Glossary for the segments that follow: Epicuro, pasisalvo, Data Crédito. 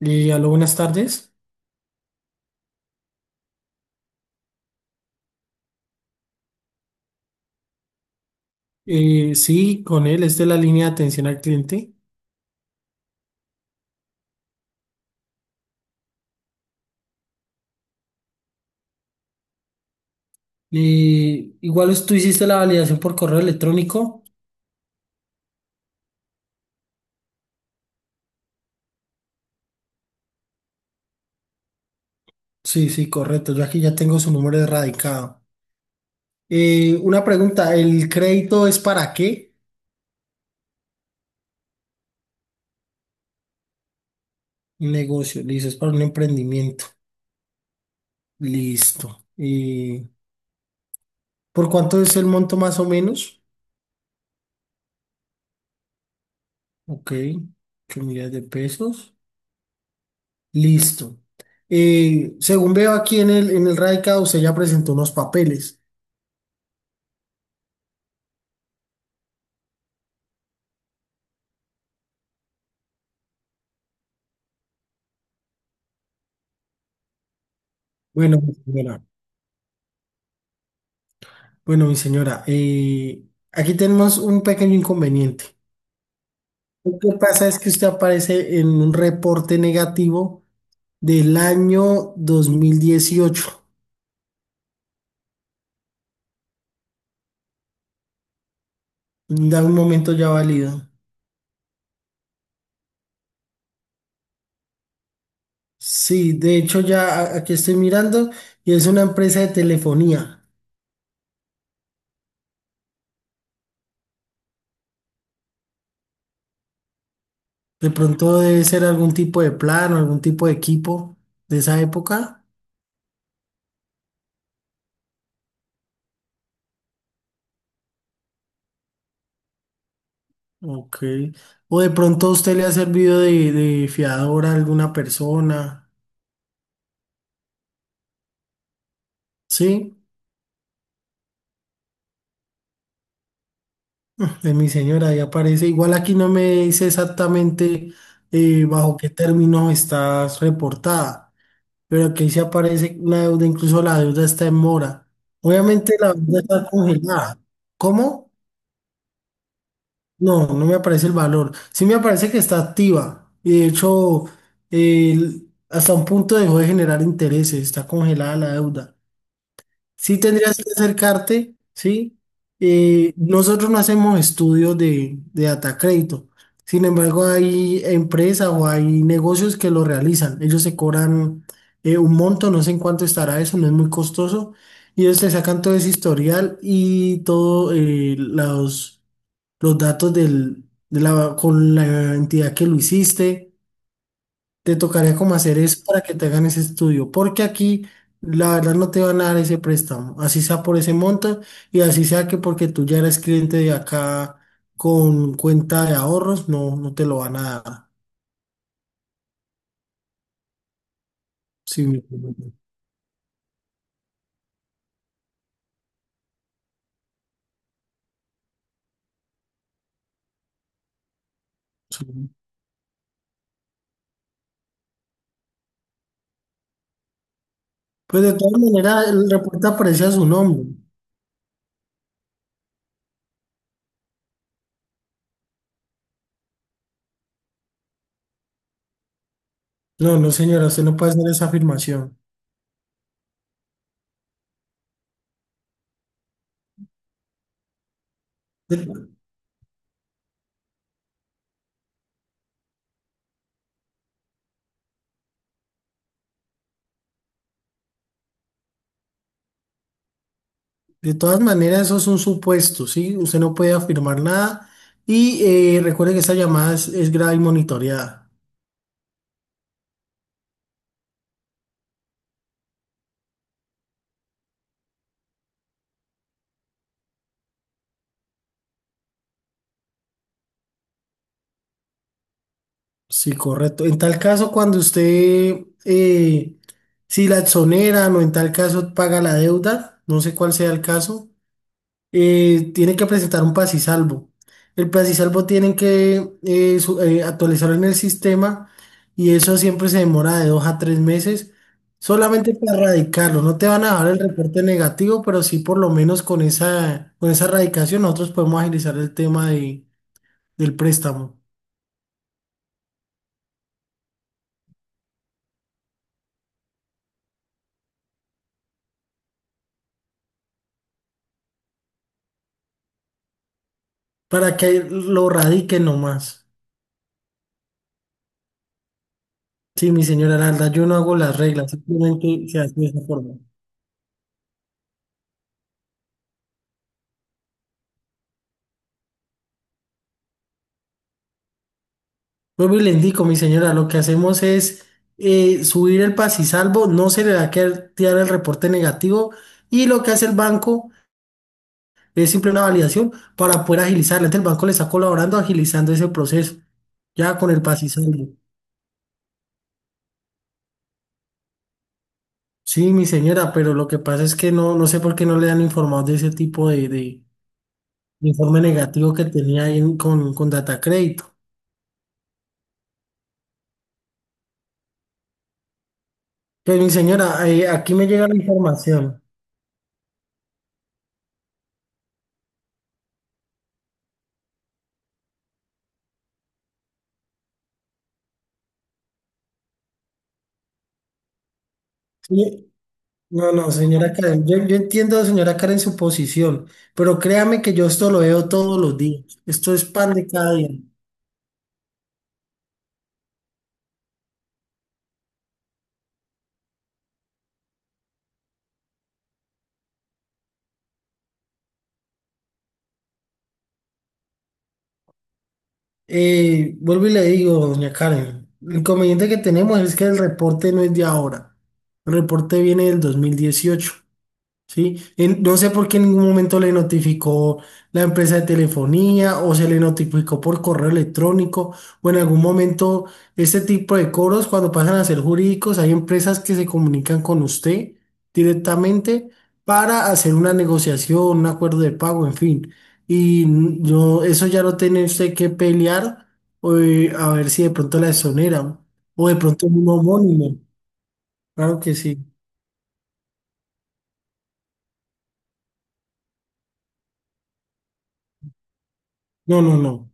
Aló, buenas tardes. Sí, con él es de la línea de atención al cliente. Igual tú hiciste la validación por correo electrónico. Sí, Correcto. Yo aquí ya tengo su número erradicado. Una pregunta, ¿el crédito es para qué? Un negocio, listo, es para un emprendimiento. Listo. Eh, ¿Por cuánto es el monto más o menos? Ok, 8 millones de pesos. Listo. Según veo aquí en el radicado, usted ya presentó unos papeles. Bueno, mi señora, bueno, mi señora, aquí tenemos un pequeño inconveniente. Lo que pasa es que usted aparece en un reporte negativo del año 2018. Da un momento, ya válido. Sí, de hecho aquí estoy mirando y es una empresa de telefonía. De pronto debe ser algún tipo de plan o algún tipo de equipo de esa época. Ok. O de pronto a usted le ha servido de fiador a alguna persona. ¿Sí? De mi señora, ahí aparece. Igual aquí no me dice exactamente bajo qué término estás reportada, pero aquí sí aparece una deuda, incluso la deuda está en mora. Obviamente la deuda está congelada. ¿Cómo? No, no me aparece el valor. Sí me aparece que está activa. Y de hecho, eh, hasta un punto dejó de generar intereses, está congelada la deuda. Sí tendrías que acercarte, ¿sí? Nosotros no hacemos estudios de data crédito. Sin embargo, hay empresas o hay negocios que lo realizan. Ellos se cobran un monto, no sé en cuánto estará eso, no es muy costoso. Y ellos te sacan todo ese historial y todos los datos con la entidad que lo hiciste. Te tocaría como hacer es para que te hagan ese estudio, porque aquí la verdad no te van a dar ese préstamo, así sea por ese monto y así sea que porque tú ya eres cliente de acá con cuenta de ahorros, no, no te lo van a dar. Sí, mi hermano, sí. Pues de todas maneras, el reporte aparece a su nombre. No, no, señora, usted no puede hacer esa afirmación. De, de todas maneras, eso es un supuesto, ¿sí? Usted no puede afirmar nada y recuerde que esa llamada es grave y monitoreada. Sí, correcto. En tal caso, cuando usted, eh, si la exoneran o en tal caso paga la deuda, no sé cuál sea el caso, tiene que presentar un pasisalvo. El pasisalvo tienen que actualizarlo en el sistema y eso siempre se demora de dos a tres meses solamente para erradicarlo. No te van a dar el reporte negativo, pero sí por lo menos con con esa erradicación nosotros podemos agilizar el tema de, del préstamo para que lo radiquen nomás. Sí, mi señora, la yo no hago las reglas, simplemente se hace de esa forma. Vuelvo y le indico, mi señora, lo que hacemos es subir el pasisalvo, no se le va a quedar tirar el reporte negativo y lo que hace el banco es simple una validación para poder agilizarla. Entonces, el banco le está colaborando agilizando ese proceso, ya con el pasisalvo. Sí, mi señora, pero lo que pasa es que no, no sé por qué no le han informado de ese tipo de informe negativo que tenía ahí con Data Crédito. Pues, mi señora, aquí me llega la información. Y- No, no, señora Karen, yo entiendo, señora Karen, su posición, pero créame que yo esto lo veo todos los días, esto es pan de cada día. Vuelvo y le digo, doña Karen, el inconveniente que tenemos es que el reporte no es de ahora, el reporte viene del 2018. Sí, no sé por qué en ningún momento le notificó la empresa de telefonía o se le notificó por correo electrónico o en algún momento este tipo de cobros cuando pasan a ser jurídicos, hay empresas que se comunican con usted directamente para hacer una negociación, un acuerdo de pago, en fin. Y no, eso ya lo tiene usted que pelear a ver si de pronto la exoneran o de pronto un homónimo. Claro que sí. No, no, no.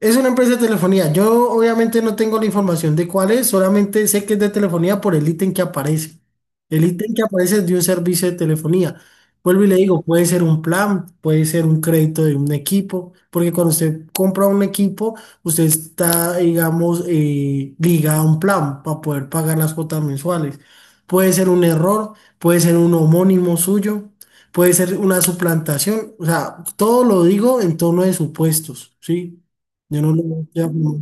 Es una empresa de telefonía. Yo obviamente no tengo la información de cuál es, solamente sé que es de telefonía por el ítem que aparece. El ítem que aparece es de un servicio de telefonía. Vuelvo y le digo, puede ser un plan, puede ser un crédito de un equipo, porque cuando usted compra un equipo, usted está, digamos, ligado a un plan para poder pagar las cuotas mensuales. Puede ser un error, puede ser un homónimo suyo, puede ser una suplantación. O sea, todo lo digo en torno de supuestos, ¿sí? Yo no, no, ya, no,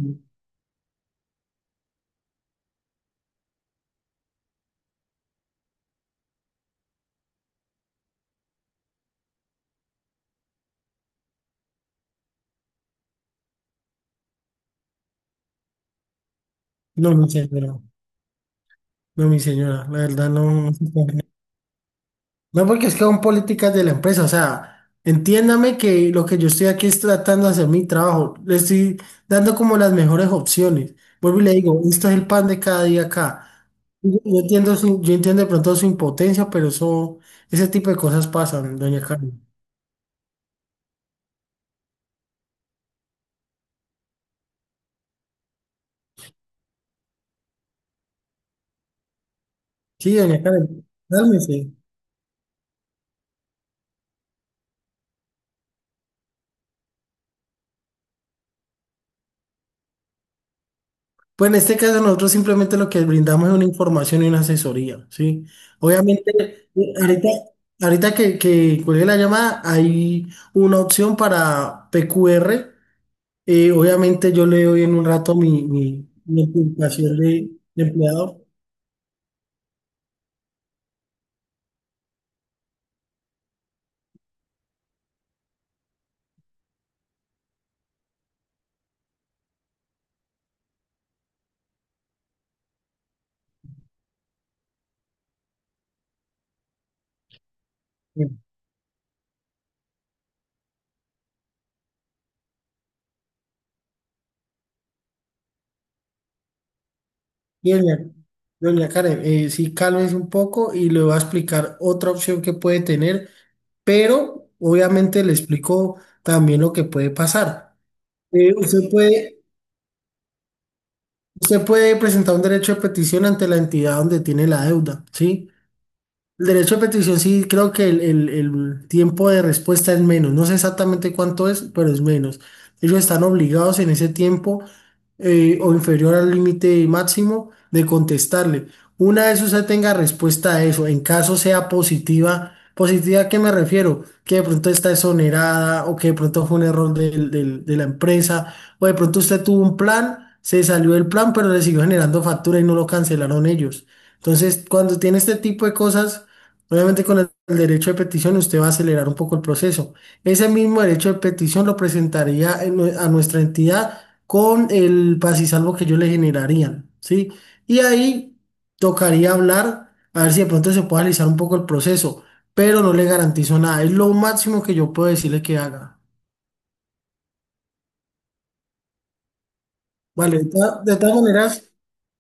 no, mi señora, no, mi señora, la verdad no. No, se puede. No, porque es que son políticas de la empresa, o sea, entiéndame que lo que yo estoy aquí es tratando de hacer mi trabajo, le estoy dando como las mejores opciones. Vuelvo y le digo, esto es el pan de cada día acá. Yo entiendo yo entiendo de pronto su impotencia, pero eso, ese tipo de cosas pasan, doña Carmen. Sí, doña Carmen, cálmese. Pues en este caso nosotros simplemente lo que brindamos es una información y una asesoría, ¿sí? Obviamente, eh, ahorita, ahorita que cuelgue la llamada, hay una opción para PQR. Obviamente yo le doy en un rato mi ocupación de empleador. Y Doña, doña Karen, sí, cálmese un poco y le voy a explicar otra opción que puede tener, pero obviamente le explico también lo que puede pasar. Eh, usted puede... Usted puede presentar un derecho de petición ante la entidad donde tiene la deuda, ¿sí? El derecho de petición, sí, creo que el tiempo de respuesta es menos. No sé exactamente cuánto es, pero es menos. Ellos están obligados en ese tiempo o inferior al límite máximo de contestarle. Una vez usted tenga respuesta a eso, en caso sea positiva, positiva, ¿a qué me refiero? Que de pronto está exonerada o que de pronto fue un error de la empresa o de pronto usted tuvo un plan, se salió del plan, pero le siguió generando factura y no lo cancelaron ellos. Entonces, cuando tiene este tipo de cosas, obviamente con el derecho de petición usted va a acelerar un poco el proceso. Ese mismo derecho de petición lo presentaría en a nuestra entidad con el pasisalvo que ellos le generarían, ¿sí? Y ahí tocaría hablar, a ver si de pronto se puede alisar un poco el proceso, pero no le garantizo nada. Es lo máximo que yo puedo decirle que haga. Vale, de todas maneras,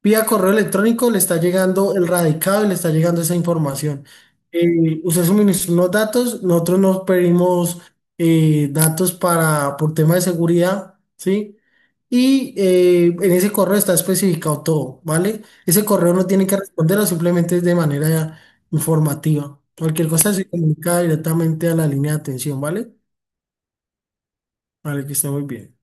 vía correo electrónico le está llegando el radicado y le está llegando esa información. Usted suministró unos datos, nosotros nos pedimos datos para, por tema de seguridad, ¿sí? En ese correo está especificado todo, ¿vale? Ese correo no tiene que responderlo, simplemente es de manera informativa. Cualquier cosa se comunica directamente a la línea de atención, ¿vale? Vale, que esté muy bien.